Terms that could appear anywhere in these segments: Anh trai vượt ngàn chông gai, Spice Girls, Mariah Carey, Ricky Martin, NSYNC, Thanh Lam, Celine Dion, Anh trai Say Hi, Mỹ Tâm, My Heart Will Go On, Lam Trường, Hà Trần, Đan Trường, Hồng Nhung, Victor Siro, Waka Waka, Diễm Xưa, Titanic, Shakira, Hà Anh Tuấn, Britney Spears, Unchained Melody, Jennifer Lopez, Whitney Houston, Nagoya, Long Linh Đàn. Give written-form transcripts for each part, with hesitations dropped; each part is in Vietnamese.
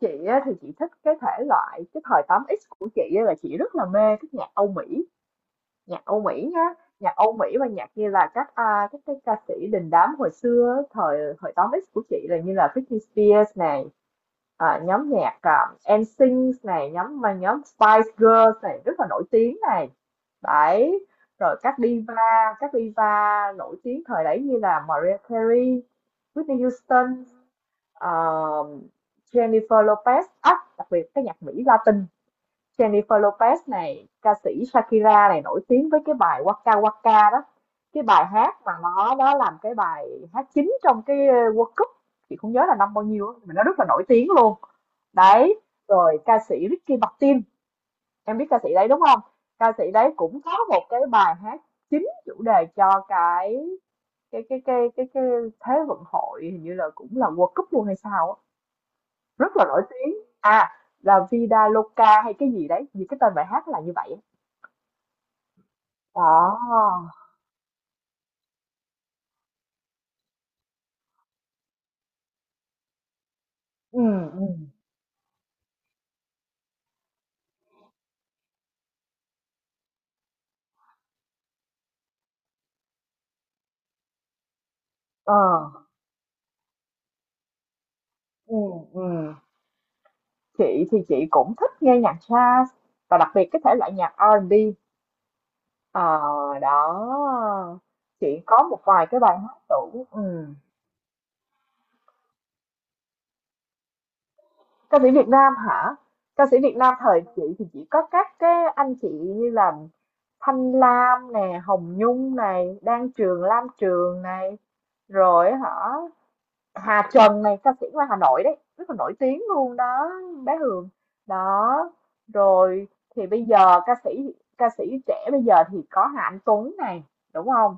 Chị á, thì chị thích cái thể loại cái thời 8X của chị á, là chị rất là mê cái nhạc Âu Mỹ, nhạc Âu Mỹ nhá nhạc Âu Mỹ và nhạc như là các cái ca sĩ đình đám hồi xưa á, thời thời 8X của chị, là như là Britney Spears này, nhóm nhạc, NSYNC này, nhóm Spice Girls này rất là nổi tiếng này đấy. Rồi các diva nổi tiếng thời đấy như là Mariah Carey, Whitney Houston, Ờ, Jennifer Lopez. Đặc biệt cái nhạc Mỹ Latin, Jennifer Lopez này, ca sĩ Shakira này, nổi tiếng với cái bài Waka Waka đó, cái bài hát mà nó làm cái bài hát chính trong cái World Cup, chị không nhớ là năm bao nhiêu á, nhưng mà nó rất là nổi tiếng luôn đấy. Rồi ca sĩ Ricky Martin, em biết ca sĩ đấy đúng không? Ca sĩ đấy cũng có một cái bài hát chính chủ đề cho cái thế vận hội, hình như là cũng là World Cup luôn hay sao á, rất là nổi tiếng. À, là Vida Loca hay cái gì đấy, vì cái tên bài hát là như vậy á. Đó. Ừm, ừm, ờ, ừm, ừm. Chị thì chị cũng thích nghe nhạc jazz và đặc biệt cái thể loại nhạc R&B. Ờ, đó. Chị có một vài cái bài hát tủ. Ừm. Ca sĩ Việt Nam hả? Ca sĩ Việt Nam thời chị thì chỉ có các cái anh chị như là Thanh Lam nè, Hồng Nhung này, Đan Trường, Lam Trường này, rồi hả, Hà Trần này, ca sĩ ngoài Hà Nội đấy, rất là nổi tiếng luôn đó, bé Hường. Đó rồi, thì bây giờ ca sĩ trẻ bây giờ thì có Hà Anh Tuấn này, đúng không?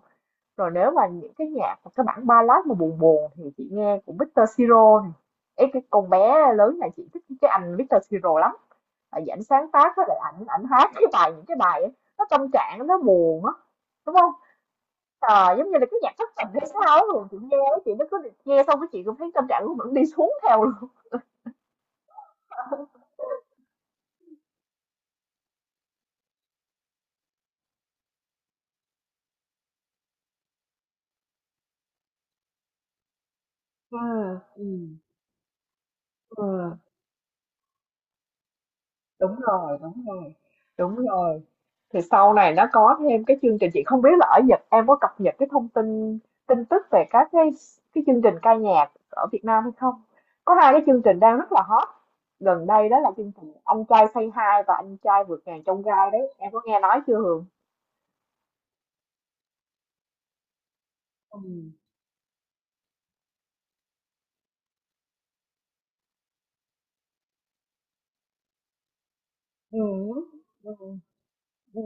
Rồi nếu mà những cái nhạc mà cái bản ballad mà buồn buồn thì chị nghe của Victor Siro này. Ê, cái con bé lớn này chị thích cái anh Victor Siro lắm, tại vì ảnh sáng tác với lại ảnh ảnh hát cái bài, những cái bài ấy, nó tâm trạng, nó buồn á, đúng không? Trời, giống như là cái nhạc thất tình hay sao á, chị nghe á, chị nó cứ nghe xong cái chị cũng thấy tâm trạng của mình đi xuống theo luôn. Ờ, ừm, ờ, đúng rồi, đúng rồi, đúng rồi. Thì sau này nó có thêm cái chương trình, chị không biết là ở Nhật em có cập nhật cái thông tin tin tức về các cái chương trình ca nhạc ở Việt Nam hay không? Có hai cái chương trình đang rất là hot gần đây, đó là chương trình Anh trai Say Hi và Anh trai vượt ngàn chông gai đấy. Em có nghe nói chưa Hường? Ừ. Ừ. Ừ. Ừ.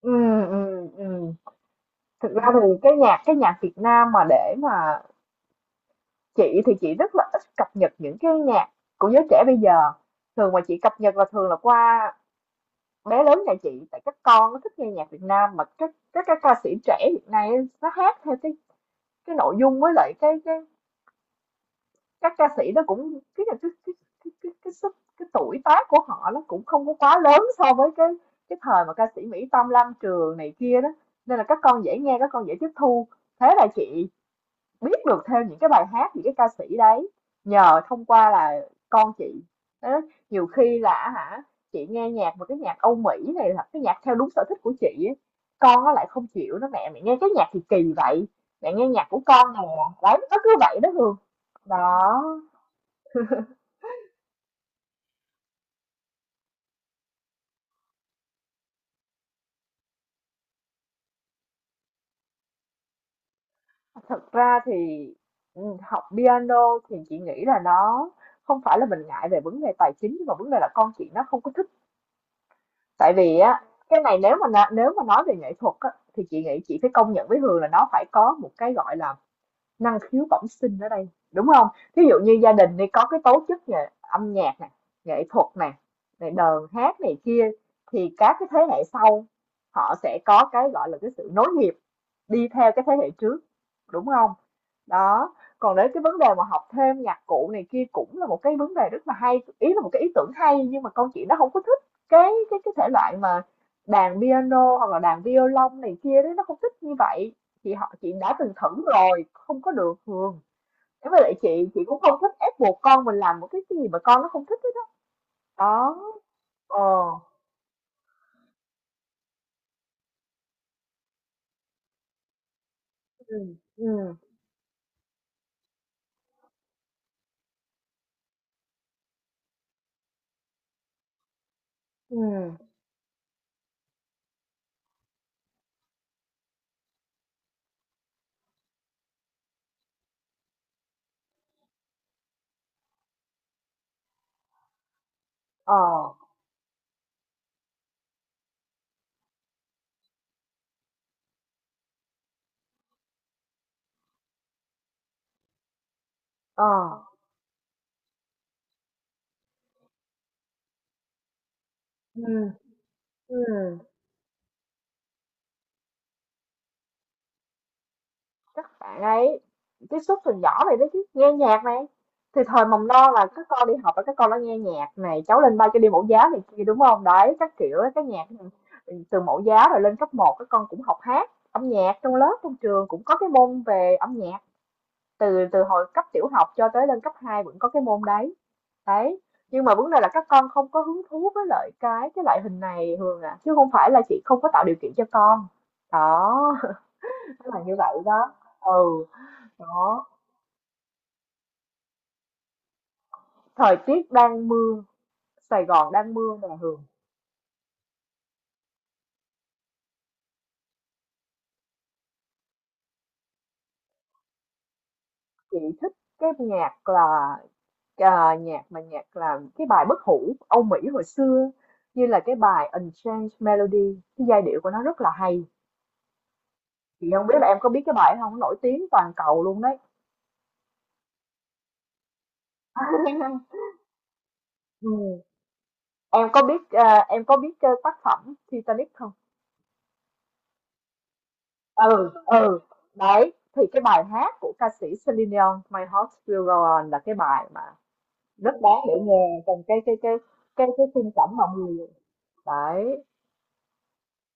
Ừ, ừm, ừm. Thực ra thì cái nhạc Việt Nam mà để mà chị thì chị rất là ít cập nhật những cái nhạc của giới trẻ bây giờ. Thường mà chị cập nhật là thường là qua bé lớn nhà chị, tại các con nó thích nghe nhạc Việt Nam mà các ca sĩ trẻ hiện nay ấy, nó hát theo cái nội dung, với lại cái các ca sĩ nó cũng cái tuổi tác của họ nó cũng không có quá lớn so với cái thời mà ca sĩ Mỹ Tâm, Lam Trường này kia đó, nên là các con dễ nghe, các con dễ tiếp thu, thế là chị biết được thêm những cái bài hát, những cái ca sĩ đấy nhờ thông qua là con chị. Thế nhiều khi là hả, chị nghe nhạc, một cái nhạc Âu Mỹ này là cái nhạc theo đúng sở thích của chị ấy, con nó lại không chịu, nó mẹ mẹ nghe cái nhạc thì kỳ vậy, mẹ nghe nhạc của con nè, đấy nó cứ vậy đó Hương. Đó. Thật ra thì, học piano thì chị nghĩ là nó không phải là mình ngại về vấn đề tài chính, nhưng mà vấn đề là con chị nó không có thích. Tại vì á, cái này nếu mà nếu mà nói về nghệ thuật á, thì chị nghĩ chị phải công nhận với Hường là nó phải có một cái gọi là năng khiếu bẩm sinh ở đây, đúng không? Thí dụ như gia đình đi có cái tố chất về âm nhạc này, nghệ thuật này, này đờn hát này kia, thì các cái thế hệ sau họ sẽ có cái gọi là cái sự nối nghiệp đi theo cái thế hệ trước, đúng không? Đó, còn đến cái vấn đề mà học thêm nhạc cụ này kia cũng là một cái vấn đề rất là hay, ý là một cái ý tưởng hay, nhưng mà con chị nó không có thích cái thể loại mà đàn piano hoặc là đàn violon này kia đấy, nó không thích như vậy. Chị họ chị đã từng thử rồi không có được thường. Thế với lại chị cũng không thích ép buộc con mình làm một cái gì mà con nó không thích hết đó. Đó. ờ ừ ừ ừ ờ ờ ừ ừ các bạn ấy tiếp xúc từ nhỏ vậy đó, chứ nghe nhạc này thì thời mầm non là các con đi học và các con đã nghe nhạc này, cháu lên ba cho đi mẫu giáo này kia, đúng không? Đấy các kiểu ấy, cái nhạc từ mẫu giáo rồi lên cấp một, các con cũng học hát âm nhạc trong lớp, trong trường cũng có cái môn về âm nhạc, từ từ hồi cấp tiểu học cho tới lên cấp 2 vẫn có cái môn đấy đấy. Nhưng mà vấn đề là các con không có hứng thú với lại cái loại hình này Hường à, chứ không phải là chị không có tạo điều kiện cho con. Đó. Là như vậy đó. Ừ. Đó. Thời tiết đang mưa, Sài Gòn đang mưa nè Hường. Chị thích cái nhạc là nhạc mà nhạc là cái bài bất hủ Âu Mỹ hồi xưa, như là cái bài Unchained Melody, cái giai điệu của nó rất là hay. Chị không biết là em có biết cái bài đó không, nó nổi tiếng toàn cầu luôn đấy. Ừ. Em có biết em có biết tác phẩm Titanic không? Ừ. Ừ. Đấy thì cái bài hát của ca sĩ Celine Dion, My Heart Will Go On, là cái bài mà rất đáng để nghe. Còn cái cái khung cảnh mọi người đấy,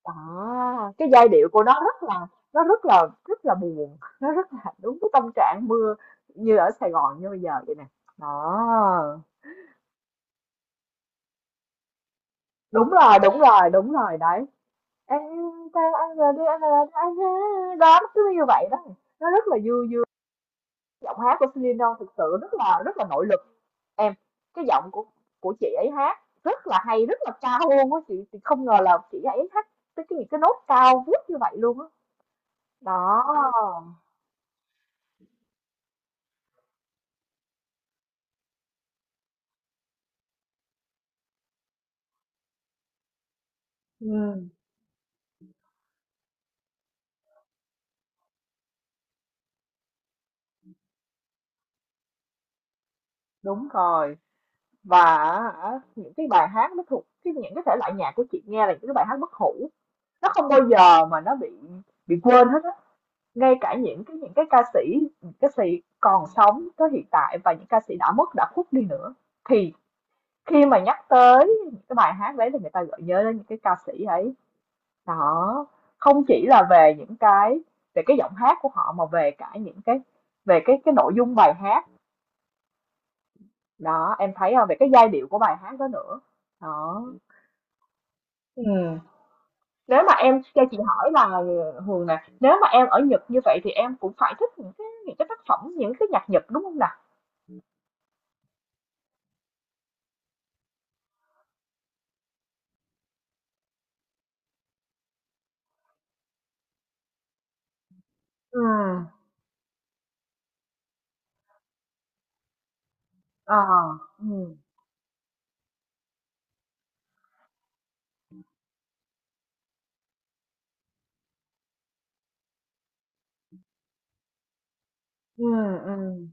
đó, cái giai điệu của nó rất là, nó rất là buồn, nó rất là đúng cái tâm trạng mưa như ở Sài Gòn như bây giờ vậy nè. Đó. Đúng rồi, đúng rồi, đúng rồi đấy em. Ta anh giờ đi, anh giờ đi, anh, đó nó cứ như vậy đó, nó rất là vui vui. Giọng hát của Celine Dion thực sự rất là nội lực. Em, cái giọng của chị ấy hát rất là hay, rất là cao luôn á, chị không ngờ là chị ấy hát tới cái những cái nốt cao vút như vậy luôn á. Đó. Ừ, đúng rồi. Và á, những cái bài hát nó thuộc cái những cái thể loại nhạc của chị nghe là những cái bài hát bất hủ. Nó không bao giờ mà nó bị quên hết á. Ngay cả những cái ca sĩ, những ca sĩ còn sống tới hiện tại và những ca sĩ đã mất, đã khuất đi nữa, thì khi mà nhắc tới những cái bài hát đấy thì người ta gợi nhớ đến những cái ca sĩ ấy. Đó, không chỉ là về những cái về cái giọng hát của họ mà về cả những cái về cái nội dung bài hát. Đó, em thấy không, về cái giai điệu của bài hát đó nữa. Đó. Ừm. Nếu mà em cho chị hỏi là, Hường nè, nếu mà em ở Nhật như vậy thì em cũng phải thích những cái tác phẩm, những cái nhạc Nhật, đúng không nè? ừ ờ, ừ ừ ừm.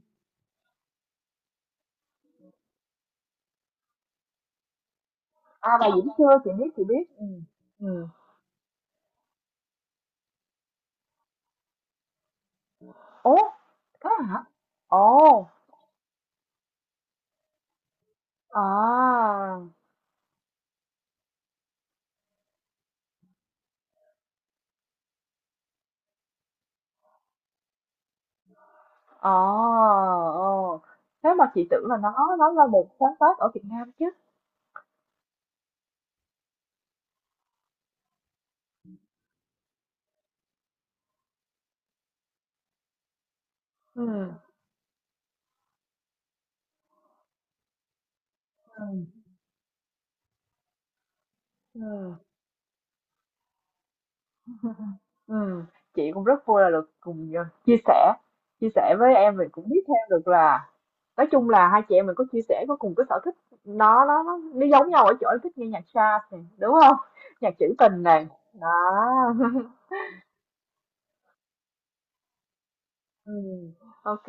À, bà Diễm Xưa chị biết, ừ. Ừm. Ủa, thế hả? Ồ, à! Ờ, ờ. Thế mà chị tưởng là nó là một sáng tác ở Việt Nam chứ. Ừ, ừ, ừ, ừ. Chị cũng rất vui là được cùng chia sẻ với em, mình cũng biết thêm được là, nói chung là hai chị em mình có chia sẻ, có cùng cái sở thích, nó giống nhau ở chỗ em thích nghe nhạc jazz này, đúng không? Nhạc trữ tình này, đó. Ừ. Ok.